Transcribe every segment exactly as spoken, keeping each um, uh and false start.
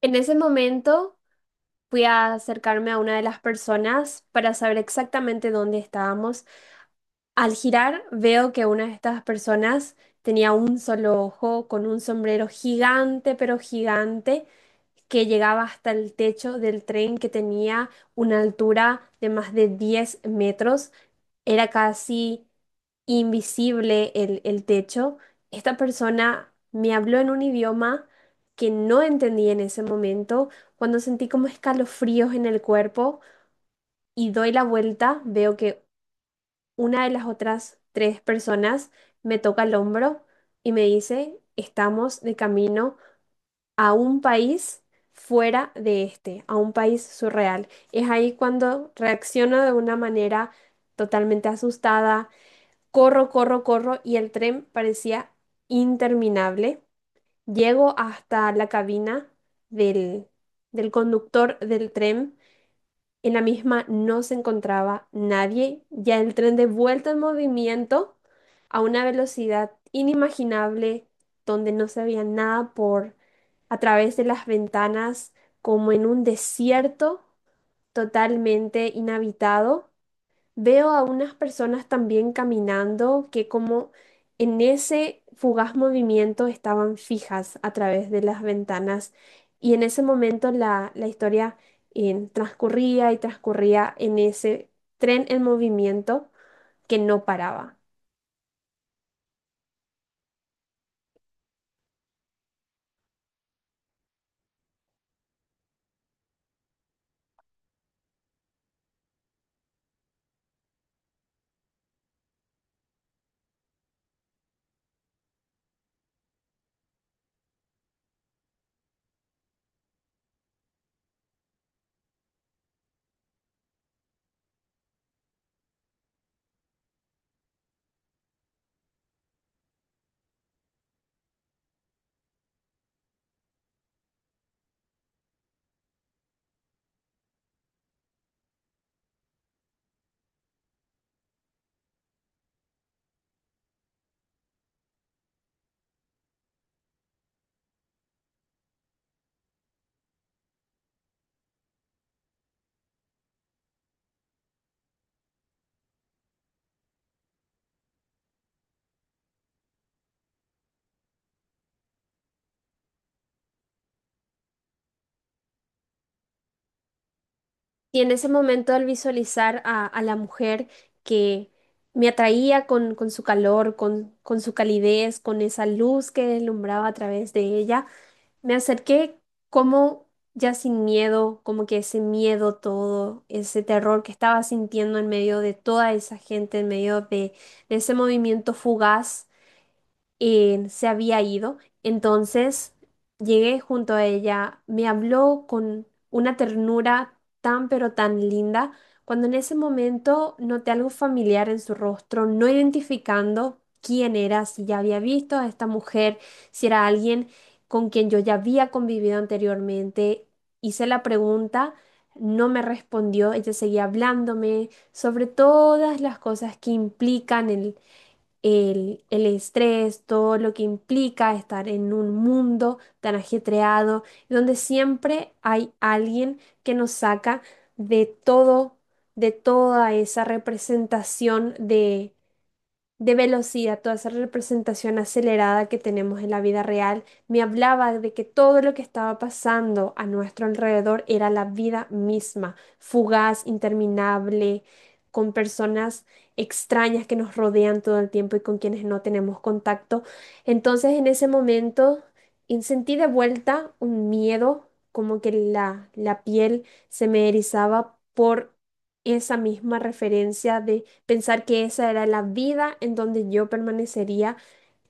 En ese momento fui a acercarme a una de las personas para saber exactamente dónde estábamos. Al girar veo que una de estas personas tenía un solo ojo con un sombrero gigante, pero gigante, que llegaba hasta el techo del tren, que tenía una altura de más de diez metros. Era casi invisible el, el techo. Esta persona me habló en un idioma que no entendí en ese momento. Cuando sentí como escalofríos en el cuerpo y doy la vuelta, veo que una de las otras tres personas me toca el hombro y me dice, estamos de camino a un país fuera de este, a un país surreal. Es ahí cuando reacciono de una manera totalmente asustada. Corro, corro, corro y el tren parecía interminable. Llego hasta la cabina del, del conductor del tren. En la misma no se encontraba nadie. Ya el tren de vuelta en movimiento, a una velocidad inimaginable, donde no se veía nada por a través de las ventanas, como en un desierto totalmente inhabitado. Veo a unas personas también caminando que, como en ese fugaz movimiento, estaban fijas a través de las ventanas, y en ese momento la, la historia eh, transcurría y transcurría en ese tren en movimiento que no paraba. Y en ese momento, al visualizar a, a la mujer que me atraía con, con su calor, con, con su calidez, con esa luz que deslumbraba a través de ella, me acerqué como ya sin miedo, como que ese miedo todo, ese terror que estaba sintiendo en medio de toda esa gente, en medio de, de ese movimiento fugaz, eh, se había ido. Entonces llegué junto a ella, me habló con una ternura tan pero tan linda, cuando en ese momento noté algo familiar en su rostro, no identificando quién era, si ya había visto a esta mujer, si era alguien con quien yo ya había convivido anteriormente. Hice la pregunta. No me respondió, ella seguía hablándome sobre todas las cosas que implican el el, el estrés, todo lo que implica estar en un mundo tan ajetreado, donde siempre hay alguien que nos saca de todo, de toda esa representación de de velocidad, toda esa representación acelerada que tenemos en la vida real. Me hablaba de que todo lo que estaba pasando a nuestro alrededor era la vida misma, fugaz, interminable, con personas extrañas que nos rodean todo el tiempo y con quienes no tenemos contacto. Entonces, en ese momento, en- sentí de vuelta un miedo, como que la, la piel se me erizaba por esa misma referencia de pensar que esa era la vida en donde yo permanecería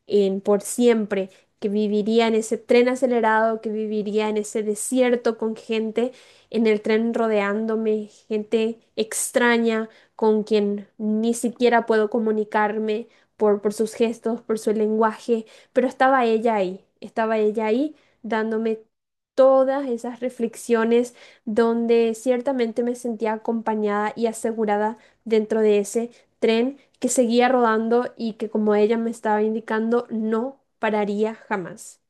en por siempre, que viviría en ese tren acelerado, que viviría en ese desierto con gente en el tren rodeándome, gente extraña con quien ni siquiera puedo comunicarme por, por sus gestos, por su lenguaje, pero estaba ella ahí, estaba ella ahí dándome todas esas reflexiones donde ciertamente me sentía acompañada y asegurada dentro de ese tren que seguía rodando y que, como ella me estaba indicando, no pararía jamás.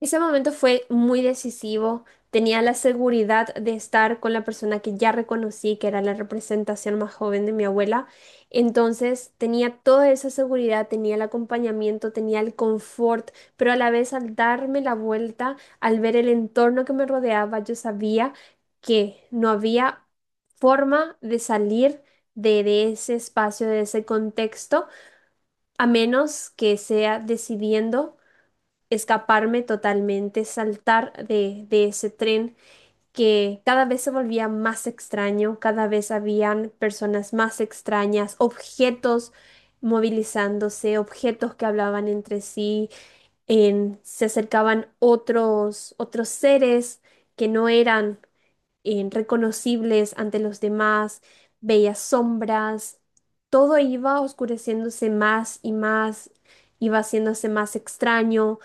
Ese momento fue muy decisivo. Tenía la seguridad de estar con la persona que ya reconocí, que era la representación más joven de mi abuela. Entonces tenía toda esa seguridad, tenía el acompañamiento, tenía el confort, pero a la vez, al darme la vuelta, al ver el entorno que me rodeaba, yo sabía que no había forma de salir de, de ese espacio, de ese contexto, a menos que sea decidiendo escaparme totalmente, saltar de, de ese tren, que cada vez se volvía más extraño. Cada vez habían personas más extrañas, objetos movilizándose, objetos que hablaban entre sí, en- se acercaban otros, otros seres que no eran eh, reconocibles ante los demás, veía sombras, todo iba oscureciéndose más y más, iba haciéndose más extraño.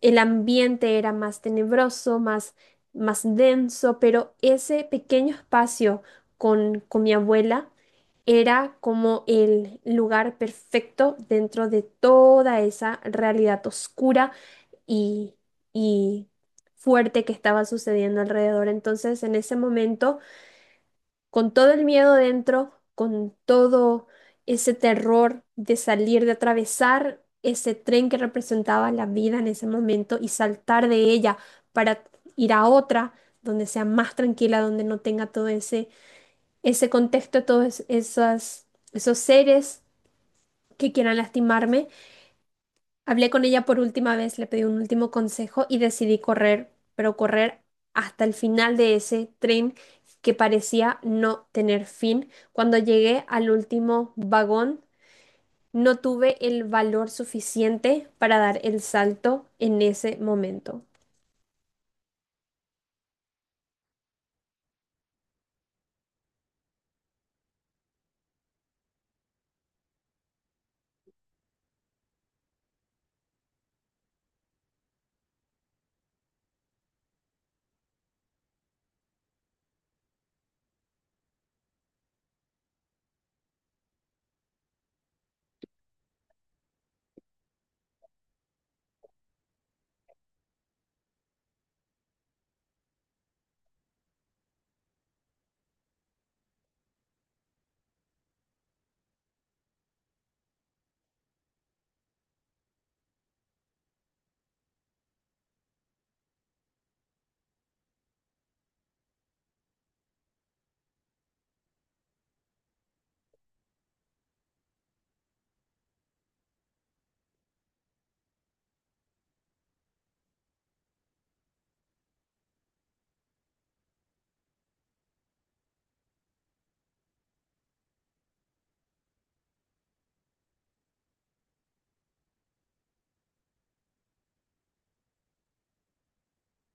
El ambiente era más tenebroso, más, más denso, pero ese pequeño espacio con, con mi abuela era como el lugar perfecto dentro de toda esa realidad oscura y, y fuerte que estaba sucediendo alrededor. Entonces, en ese momento, con todo el miedo dentro, con todo ese terror de salir, de atravesar ese tren que representaba la vida en ese momento y saltar de ella para ir a otra donde sea más tranquila, donde no tenga todo ese, ese contexto, todos es- esas, esos seres que quieran lastimarme. Hablé con ella por última vez, le pedí un último consejo y decidí correr, pero correr hasta el final de ese tren, que parecía no tener fin. Cuando llegué al último vagón, no tuve el valor suficiente para dar el salto en ese momento.